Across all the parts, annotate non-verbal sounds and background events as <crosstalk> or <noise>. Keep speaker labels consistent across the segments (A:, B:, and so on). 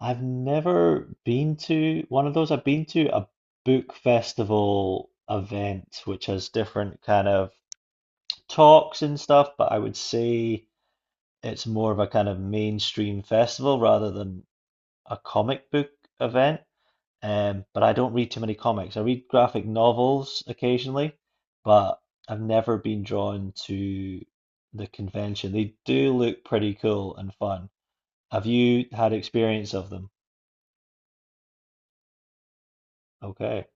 A: I've never been to one of those. I've been to a book festival event, which has different kind of talks and stuff, but I would say it's more of a kind of mainstream festival rather than a comic book event. But I don't read too many comics. I read graphic novels occasionally, but I've never been drawn to the convention. They do look pretty cool and fun. Have you had experience of them? Okay.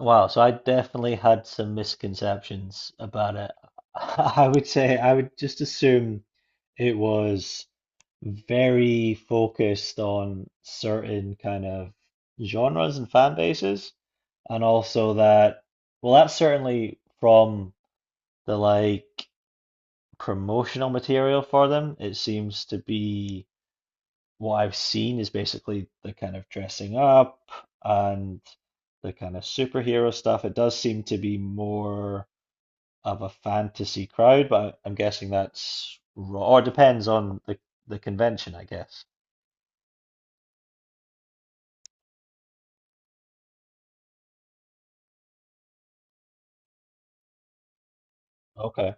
A: Wow, so I definitely had some misconceptions about it. <laughs> I would say I would just assume it was very focused on certain kind of genres and fan bases, and also that, well, that's certainly from the like promotional material for them. It seems to be what I've seen is basically the kind of dressing up and the kind of superhero stuff. It does seem to be more of a fantasy crowd, but I'm guessing that's raw, or depends on the convention, I guess. Okay.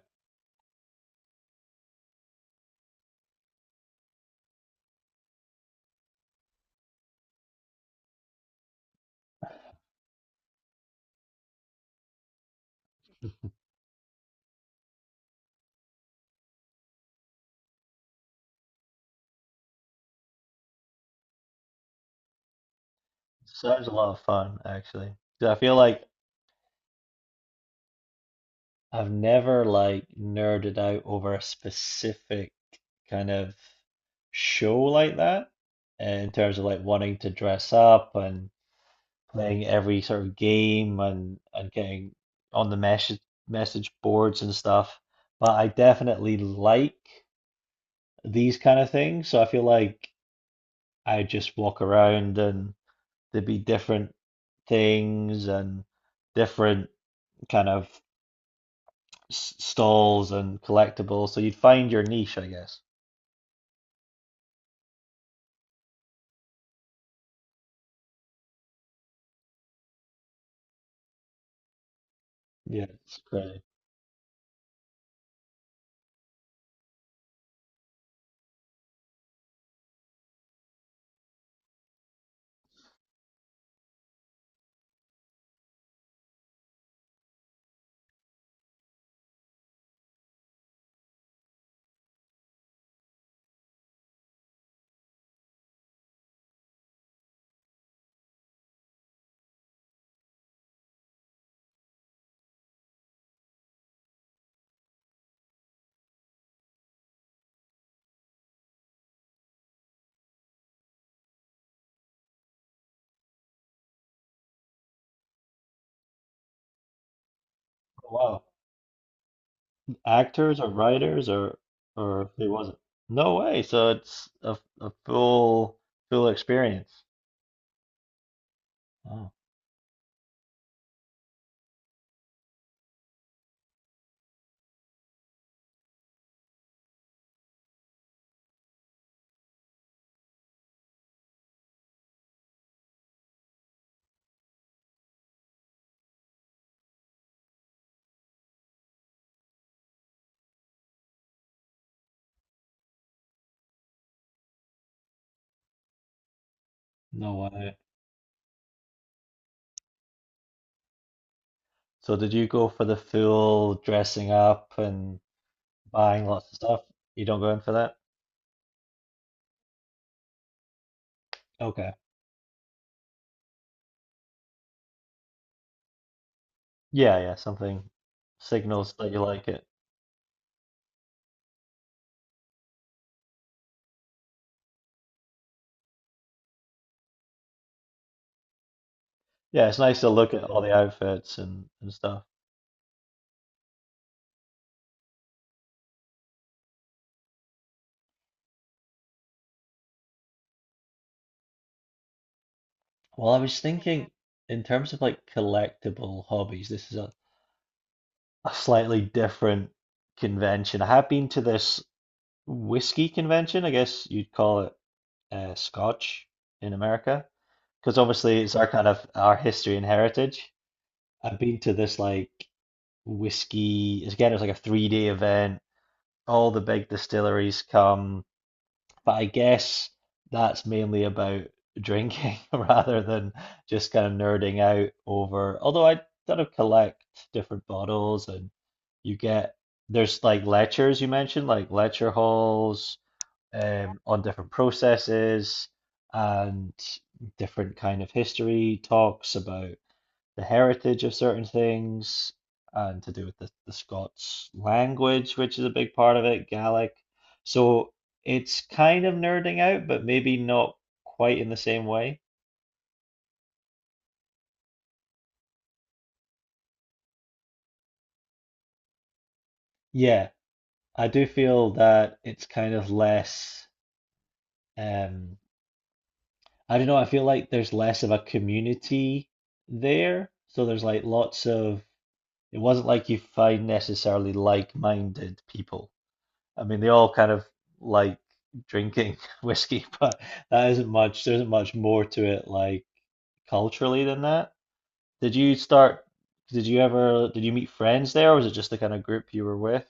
A: Sounds a lot of fun, actually. 'Cause I feel like I've never like nerded out over a specific kind of show like that, in terms of like wanting to dress up and playing every sort of game and getting on the message boards and stuff. But I definitely like these kind of things, so I feel like I just walk around and there'd be different things and different kind of stalls and collectibles, so you'd find your niche, I guess. Yeah, it's great. Oh, wow, actors or writers or who was it? No way. So it's a full experience. Oh, no way. So did you go for the full dressing up and buying lots of stuff? You don't go in for that? Okay. Yeah, yeah, something signals that you like it. Yeah, it's nice to look at all the outfits and stuff. Well, I was thinking in terms of like collectible hobbies, this is a slightly different convention. I have been to this whiskey convention, I guess you'd call it Scotch in America, because obviously it's our kind of our history and heritage. I've been to this like whiskey, again, it was like a 3-day event. All the big distilleries come, but I guess that's mainly about drinking <laughs> rather than just kind of nerding out over. Although I kind of collect different bottles and you get, there's like lectures you mentioned, like lecture halls on different processes and different kind of history talks about the heritage of certain things and to do with the Scots language, which is a big part of it, Gaelic. So it's kind of nerding out, but maybe not quite in the same way. Yeah, I do feel that it's kind of less, um, I don't know, I feel like there's less of a community there. So there's like lots of, it wasn't like you find necessarily like-minded people. I mean, they all kind of like drinking <laughs> whiskey, but that isn't much. There isn't much more to it, like culturally, than that. Did you start? Did you ever? Did you meet friends there, or was it just the kind of group you were with?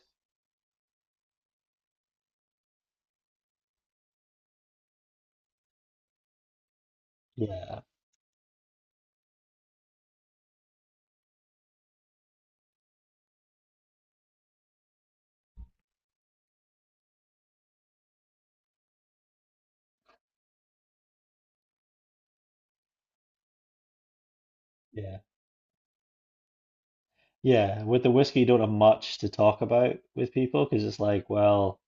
A: Yeah, yeah, yeah. With the whiskey, you don't have much to talk about with people because it's like, well,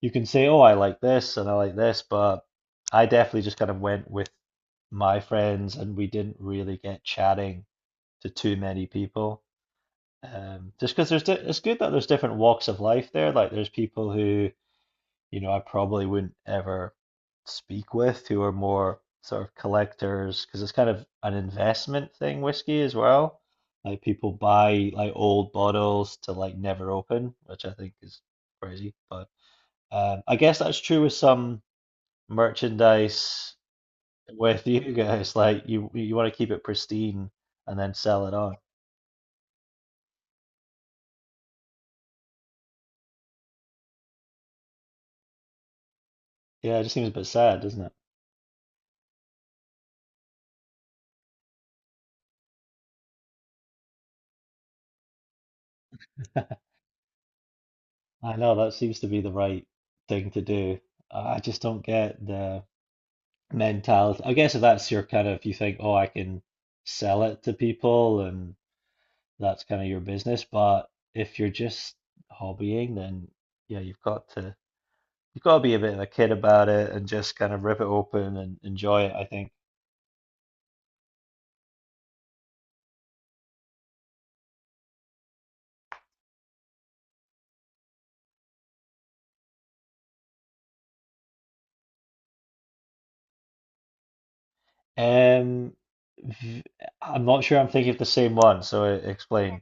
A: you can say, oh, I like this and I like this, but I definitely just kind of went with my friends, and we didn't really get chatting to too many people. Just because there's di it's good that there's different walks of life there. Like there's people who, you know, I probably wouldn't ever speak with who are more sort of collectors because it's kind of an investment thing, whiskey as well. Like people buy like old bottles to like never open, which I think is crazy. But I guess that's true with some merchandise with you <laughs> guys. Like you want to keep it pristine and then sell it on. Yeah, it just seems a bit sad, doesn't it? <laughs> I know that seems to be the right thing to do. I just don't get the mentality. I guess if that's your kind of, if you think, oh, I can sell it to people and that's kind of your business. But if you're just hobbying, then yeah, you've got to be a bit of a kid about it and just kind of rip it open and enjoy it, I think. Um, v- I'm not sure I'm thinking of the same one, so explain.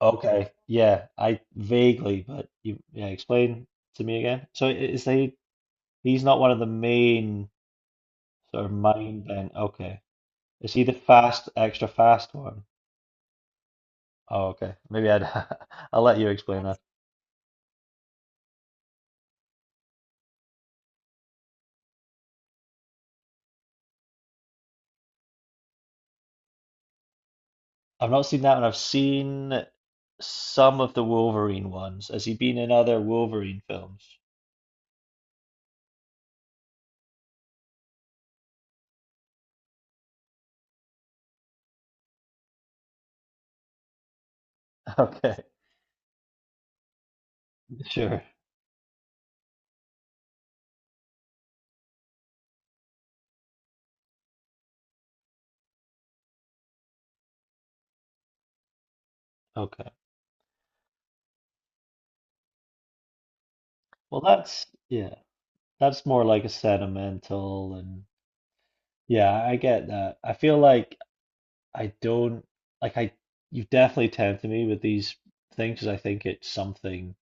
A: Okay. Yeah, I vaguely, but you yeah, explain to me again. So I- is he he's not one of the main sort of main then. Okay. Is he the fast extra fast one? Oh, okay. Maybe I'd <laughs> I'll let you explain that. I've not seen that one. I've seen some of the Wolverine ones. Has he been in other Wolverine films? <laughs> Okay. Sure. Okay. Well, that's yeah. That's more like a sentimental and yeah, I get that. I feel like I don't like I you've definitely tempted me with these things 'cause I think it's something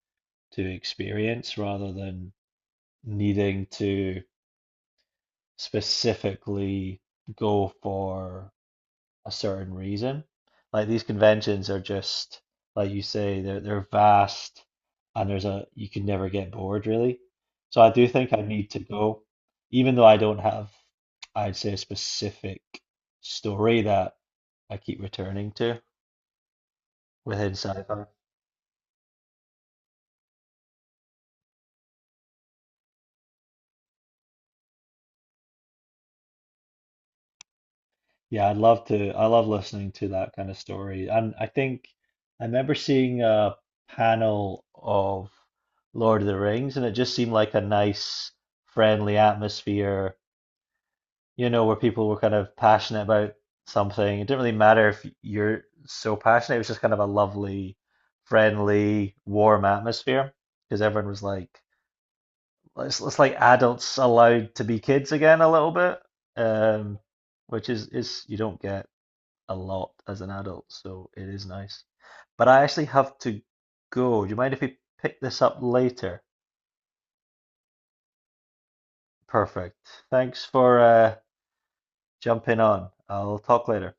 A: to experience rather than needing to specifically go for a certain reason. Like these conventions are just like you say they're vast and there's a you can never get bored really. So I do think I need to go even though I don't have I'd say a specific story that I keep returning to within sci-fi. Yeah, I'd love to. I love listening to that kind of story. And I think I remember seeing a panel of Lord of the Rings, and it just seemed like a nice, friendly atmosphere, you know, where people were kind of passionate about something. It didn't really matter if you're so passionate, it was just kind of a lovely, friendly, warm atmosphere because everyone was like, it's like adults allowed to be kids again a little bit. Um, which is you don't get a lot as an adult, so it is nice. But I actually have to go. Do you mind if we pick this up later? Perfect. Thanks for jumping on. I'll talk later.